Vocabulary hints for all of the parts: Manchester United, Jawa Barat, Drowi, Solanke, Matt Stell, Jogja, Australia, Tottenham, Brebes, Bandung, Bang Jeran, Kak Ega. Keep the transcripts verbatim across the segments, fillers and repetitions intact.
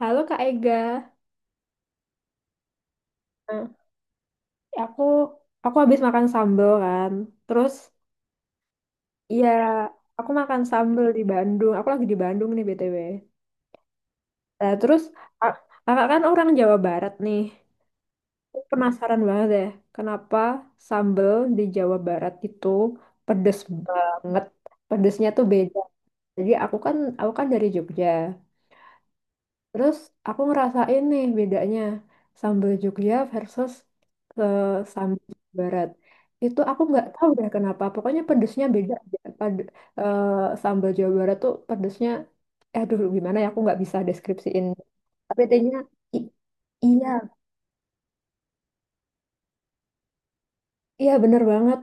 Halo Kak Ega. Hmm. aku aku habis makan sambal kan. Terus iya, aku makan sambal di Bandung. Aku lagi di Bandung nih B T W. Nah, terus a- Kakak kan orang Jawa Barat nih. Aku Penasaran banget deh, kenapa sambal di Jawa Barat itu pedes banget. Pedesnya tuh beda. Jadi aku kan aku kan dari Jogja. Terus aku ngerasain nih bedanya sambal Jogja versus eh, sambal Jawa Barat. Itu aku nggak tahu deh kenapa. Pokoknya pedesnya beda. aja. Pad- eh, sambal Jawa Barat tuh pedesnya, eh, aduh gimana ya aku nggak bisa deskripsiin. Tapi intinya i- iya, iya bener banget.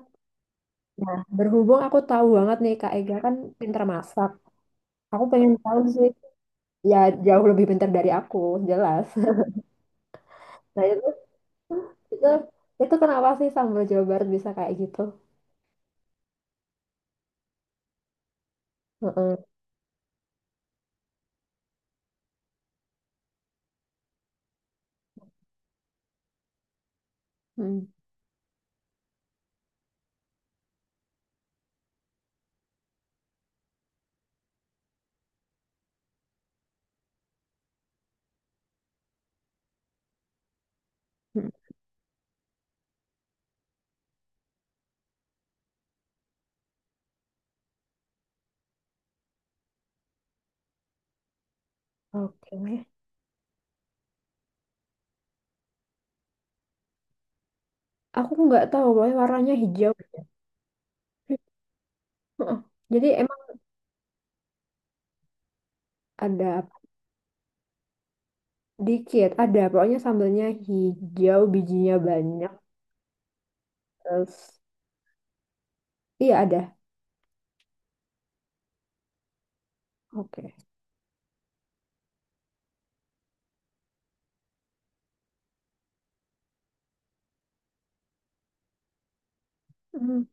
Nah, berhubung aku tahu banget nih Kak Ega kan pinter masak. Aku pengen tahu sih, ya jauh lebih pinter dari aku, jelas. Nah itu, itu, itu kenapa sih sambal Jawa Barat bisa kayak gitu? Heeh, mm, mm. Oke. Aku nggak tahu pokoknya warnanya hijau. aja. Heeh. Jadi emang ada apa? Dikit, ada pokoknya sambelnya hijau, bijinya banyak. Terus iya ada. Oke. Mm.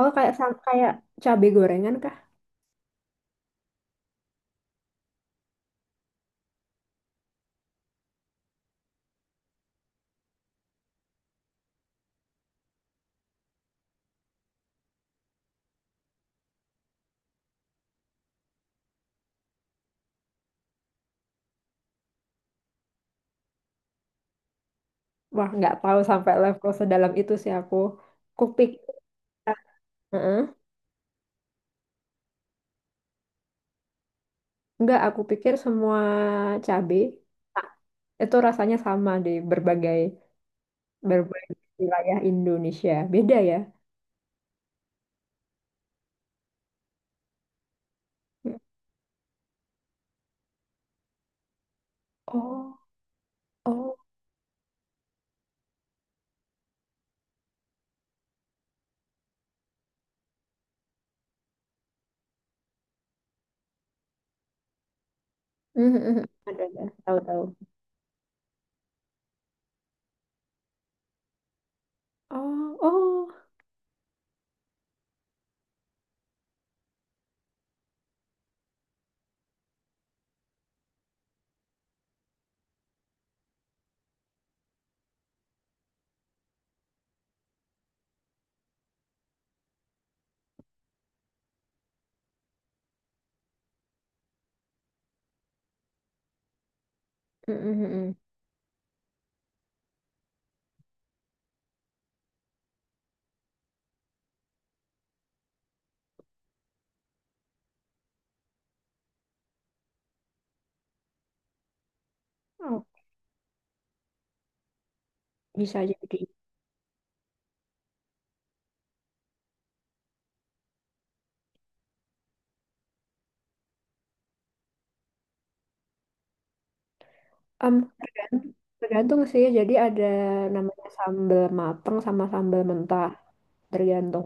Oh kayak sam- kayak cabe gorengan kah? Wah nggak tahu sampai level sedalam itu sih aku. Kupik. Heeh. Nggak, aku pikir semua cabe ah, itu rasanya sama di berbagai berbagai wilayah Indonesia. Beda ya? Oh. Oh, mhm, mhm. Ada, ada. Tahu-tahu. Oh, oh, mm, mm, mm, oh. Bisa jadi. Em, tergan- Tergantung sih. Jadi ada namanya sambal mateng sama sambal mentah. Tergantung.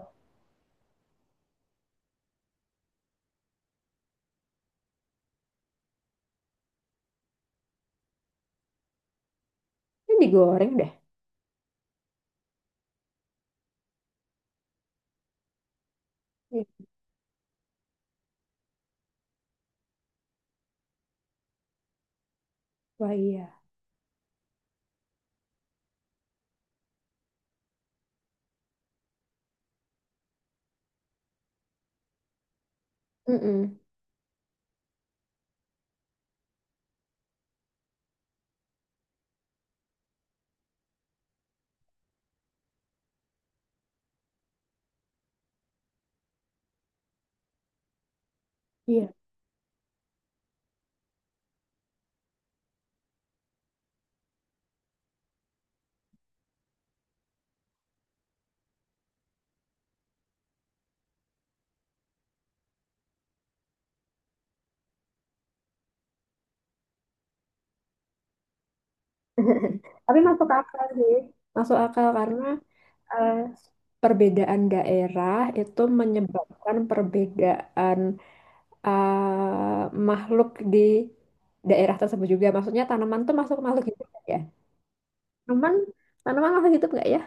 Ini digoreng deh. Iya. Wah, iya. Mm-mm. Iya. Tapi masuk akal sih. Masuk akal karena eh, perbedaan daerah itu menyebabkan perbedaan eh, makhluk di daerah tersebut juga. Maksudnya tanaman tuh masuk ke makhluk hidup nggak ya? Tanaman tanaman masuk hidup nggak ya?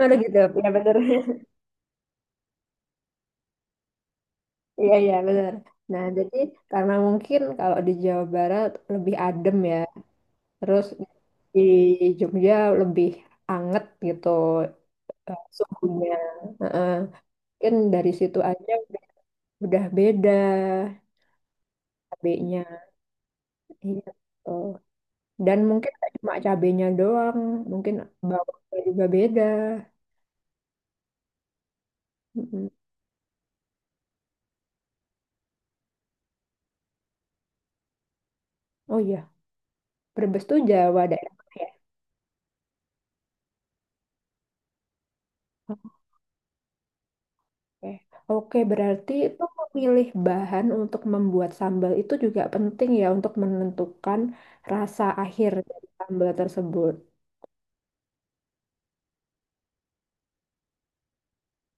Makhluk hidup, ya bener. Iya iya bener. Nah jadi karena mungkin kalau di Jawa Barat lebih adem ya, terus di Jogja lebih anget gitu eh, suhunya. Heeh. Mungkin dari situ aja udah udah beda cabenya. Iya, gitu. Dan mungkin nggak cuma cabenya doang, mungkin bawangnya juga beda. Mm-mm. Oh iya, Brebes tuh Jawa daerah ya. Oke, oke, berarti itu memilih bahan untuk membuat sambal itu juga penting ya untuk menentukan rasa akhir dari sambal tersebut.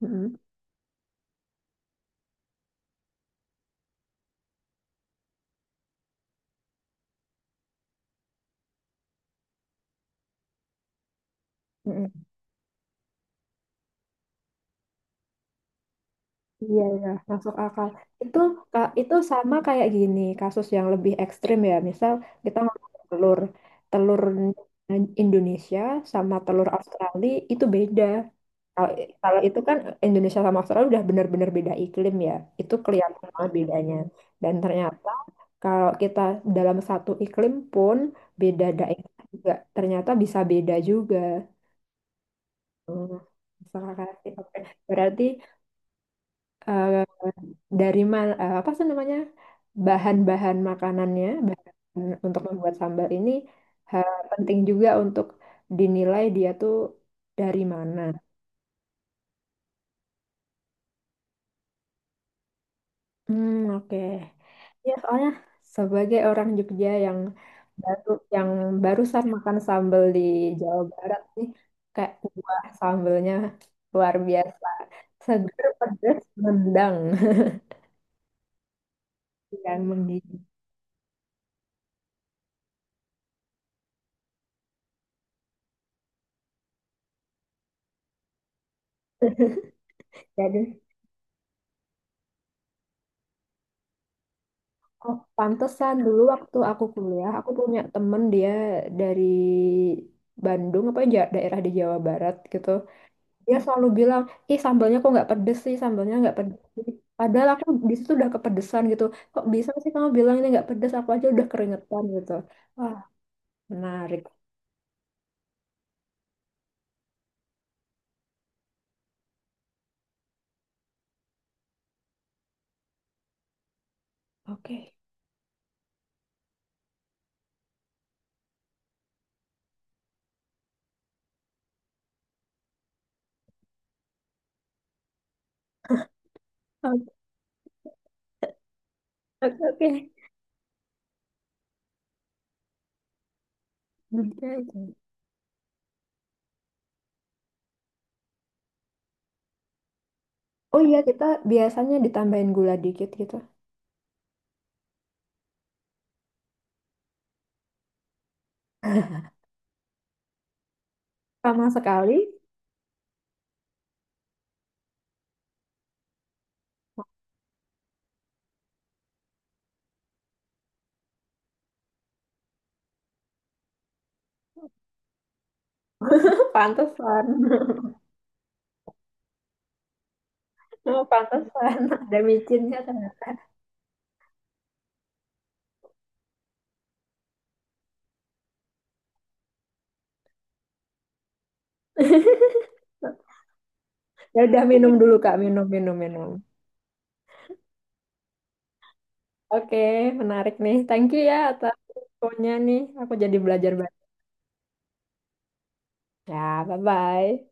Mm-mm. Mm-mm. Iya, ya masuk akal. Itu ka- itu sama kayak gini, kasus yang lebih ekstrim ya. Misal kita ngomong telur, telur Indonesia sama telur Australia itu beda. Kalau kalau itu kan Indonesia sama Australia udah benar-benar beda iklim ya. Itu kelihatan banget bedanya. Dan ternyata kalau kita dalam satu iklim pun beda daerah juga, ternyata bisa beda juga. Hmm, masuk akal sih. Oke. Berarti eh, dari ma- eh, apa sih namanya bahan-bahan makanannya bahan untuk membuat sambal ini eh, penting juga untuk dinilai dia tuh dari mana. Hmm, oke. Ya, soalnya sebagai orang Jogja yang baru yang barusan makan sambal di Jawa Barat nih kayak buah sambalnya luar biasa. Seger, pedas, nendang. Yang menggigit. Oh, pantesan dulu waktu aku kuliah, aku punya temen dia dari Bandung apa ja- daerah di Jawa Barat gitu. Dia selalu bilang, ih sambalnya kok nggak pedes sih, sambalnya nggak pedes sih. Padahal aku di situ udah kepedesan gitu. Kok bisa sih kamu bilang ini nggak pedes? Aku aja udah keringetan gitu. Wah, menarik. Oke. Oke, oke, oke. Oke, oke. Oh iya, kita biasanya ditambahin gula dikit gitu. Sama sekali. Pantesan. Pantesan. Ada micinnya ternyata. Ya udah minum dulu Kak, minum, minum, minum. Oke, menarik nih. Thank you ya atas infonya nih. Aku jadi belajar banyak. Ya, bye-bye.